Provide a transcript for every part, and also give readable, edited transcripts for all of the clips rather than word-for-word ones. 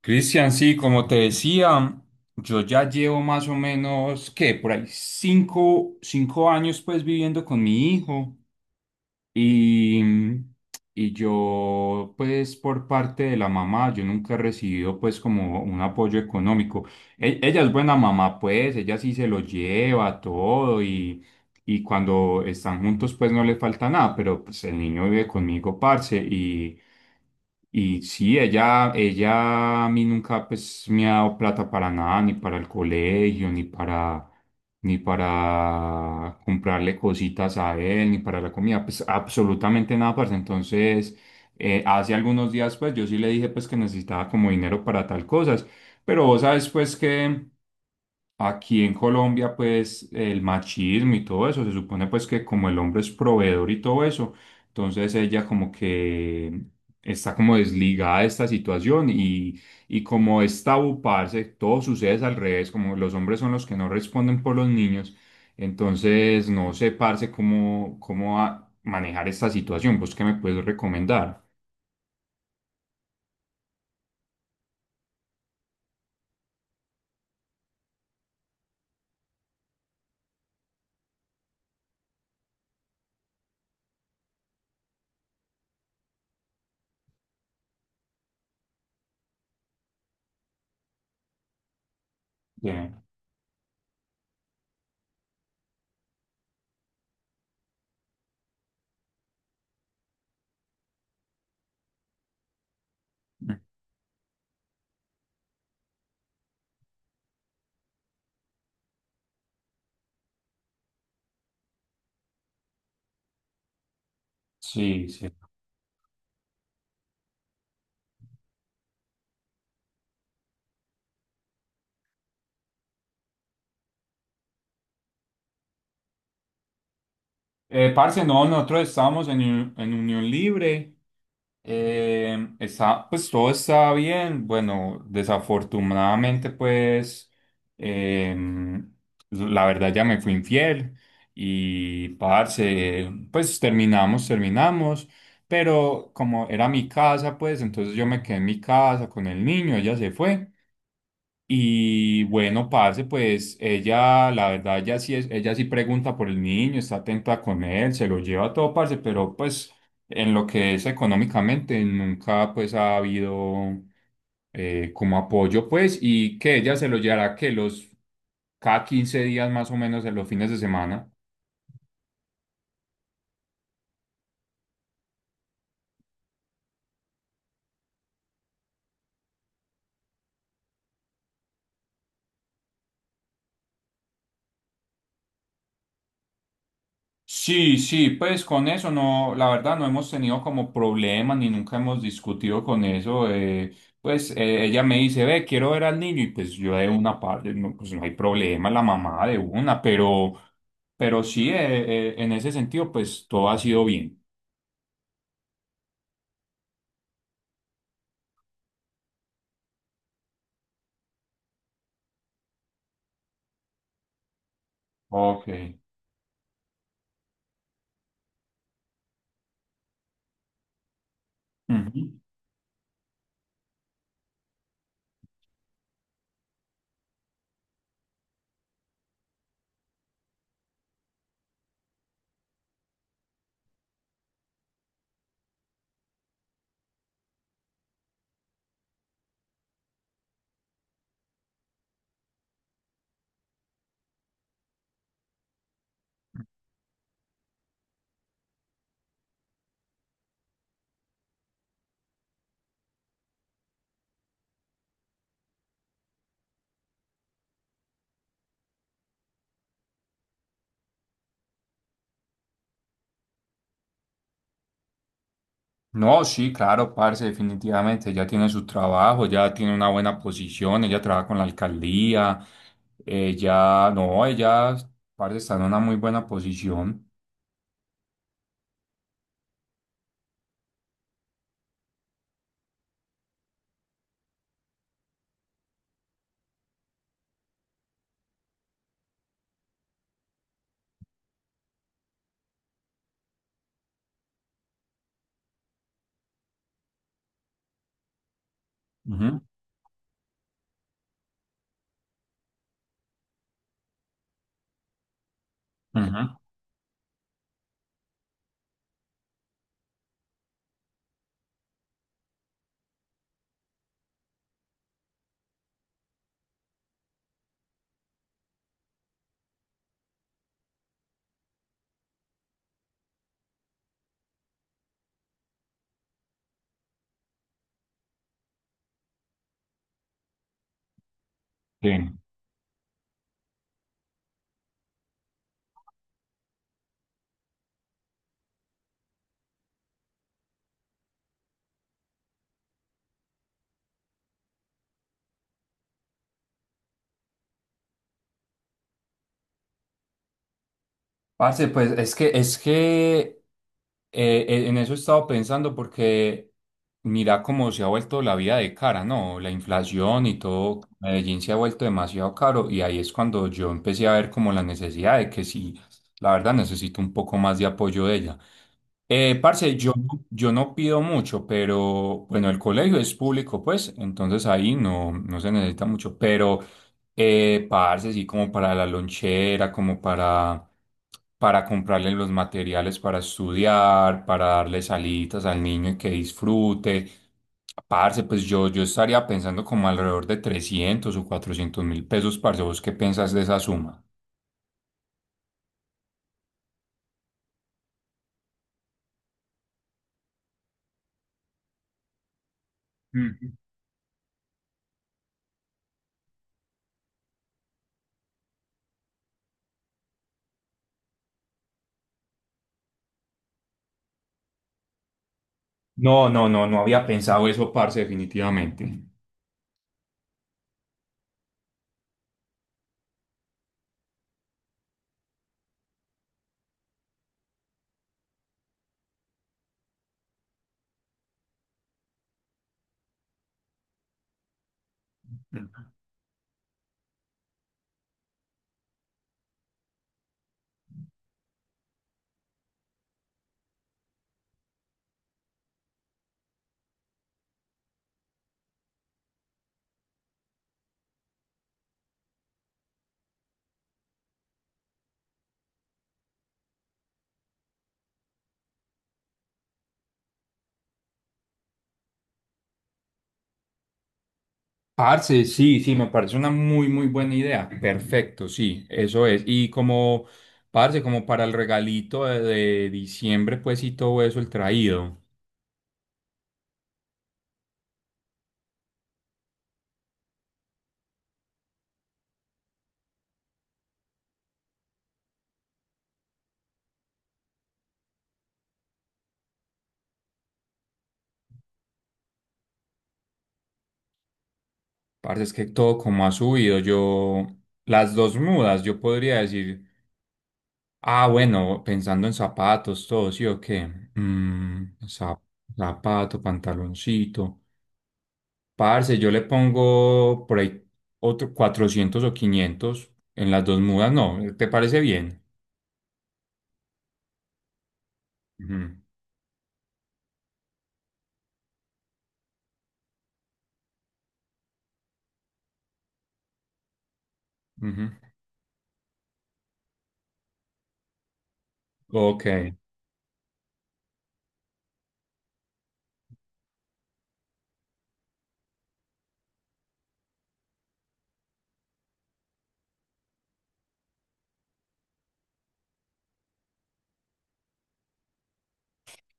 Cristian, sí, como te decía, yo ya llevo más o menos, ¿qué? Por ahí cinco años pues viviendo con mi hijo y, y yo pues por parte de la mamá, yo nunca he recibido pues como un apoyo económico. Ella es buena mamá pues, ella sí se lo lleva todo y cuando están juntos pues no le falta nada, pero pues el niño vive conmigo, parce, y... Y sí, ella a mí nunca pues me ha dado plata para nada, ni para el colegio, ni para comprarle cositas a él, ni para la comida, pues absolutamente nada, parce. Entonces, hace algunos días pues yo sí le dije pues que necesitaba como dinero para tal cosas, pero vos sabes pues que aquí en Colombia, pues el machismo y todo eso, se supone pues que como el hombre es proveedor y todo eso, entonces ella como que está como desligada de esta situación y como es tabú, parce, todo sucede al revés, como los hombres son los que no responden por los niños, entonces no sé, parce, manejar esta situación. ¿Vos qué me puedes recomendar? Bien. Sí, sí. Parce, no, nosotros estábamos en, en Unión Libre. Pues todo está bien. Bueno, desafortunadamente, pues em, la verdad ya me fui infiel y parce, pues terminamos, terminamos. Pero como era mi casa, pues entonces yo me quedé en mi casa con el niño, ella se fue. Y bueno, parce, pues ella, la verdad, ella sí pregunta por el niño, está atenta con él, se lo lleva todo, parce, pero pues en lo que es económicamente, nunca pues ha habido como apoyo, pues, y que ella se lo llevará que los cada 15 días más o menos en los fines de semana. Sí, sí, pues con eso no, la verdad no hemos tenido como problemas ni nunca hemos discutido con eso. Ella me dice, ve, quiero ver al niño y pues yo de una parte, no, pues no hay problema, la mamá de una, pero sí, en ese sentido pues todo ha sido bien. Ok. Ujú. No, sí, claro, parce, definitivamente, ella tiene su trabajo, ya tiene una buena posición, ella trabaja con la alcaldía, ella, no, ella, parce, está en una muy buena posición. Ujú, ujú. Sí. Parce, pues es que en eso he estado pensando porque mira cómo se ha vuelto la vida de cara, ¿no? La inflación y todo, Medellín se ha vuelto demasiado caro y ahí es cuando yo empecé a ver como la necesidad de que sí, la verdad necesito un poco más de apoyo de ella. Parce, yo no pido mucho, pero bueno, el colegio es público, pues, entonces ahí no se necesita mucho, pero... Parce, sí, como para la lonchera, para comprarle los materiales para estudiar, para darle salitas al niño y que disfrute. Parce, yo estaría pensando como alrededor de 300.000 o 400.000 pesos, parce. ¿Vos qué pensás de esa suma? Mm. No, no, no, no había pensado eso, parce, definitivamente. Parce, sí, sí, me parece una muy, muy buena idea. Perfecto, sí, eso es. Parce, como para el regalito de diciembre, pues y todo eso, el traído. Parce, es que todo como ha subido. Yo, las dos mudas, yo podría decir, ah, bueno, pensando en zapatos, todo, ¿sí o qué? Mm, zapato, pantaloncito. Parce, yo le pongo por ahí otro 400 o 500 en las dos mudas, no, ¿te parece bien? Ujú. Ujú. Ok,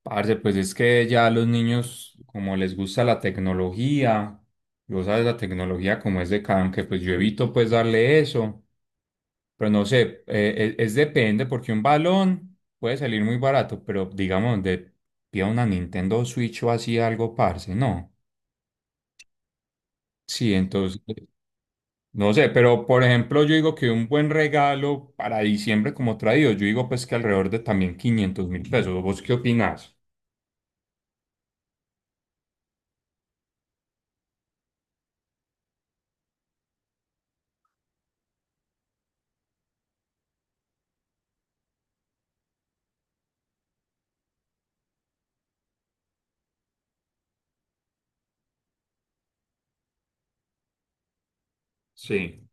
parce, pues es que ya los niños, como les gusta la tecnología, y vos sabes la tecnología como es de cada, aunque pues yo evito pues darle eso, pero no sé, es depende, porque un balón puede salir muy barato, pero digamos, donde pida una Nintendo Switch o así algo, parce, no. Sí, entonces, no sé, pero por ejemplo, yo digo que un buen regalo para diciembre como traído, yo digo pues que alrededor de también 500.000 pesos. ¿Vos qué opinás? Sí.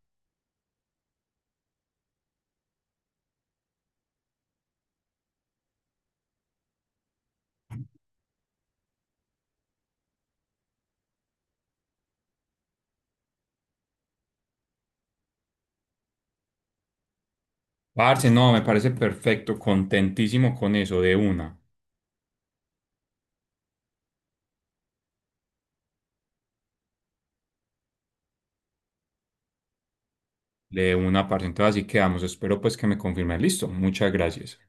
Parce, no, me parece perfecto, contentísimo con eso, de una, parce. Entonces así quedamos. Espero pues que me confirme. Listo, muchas gracias.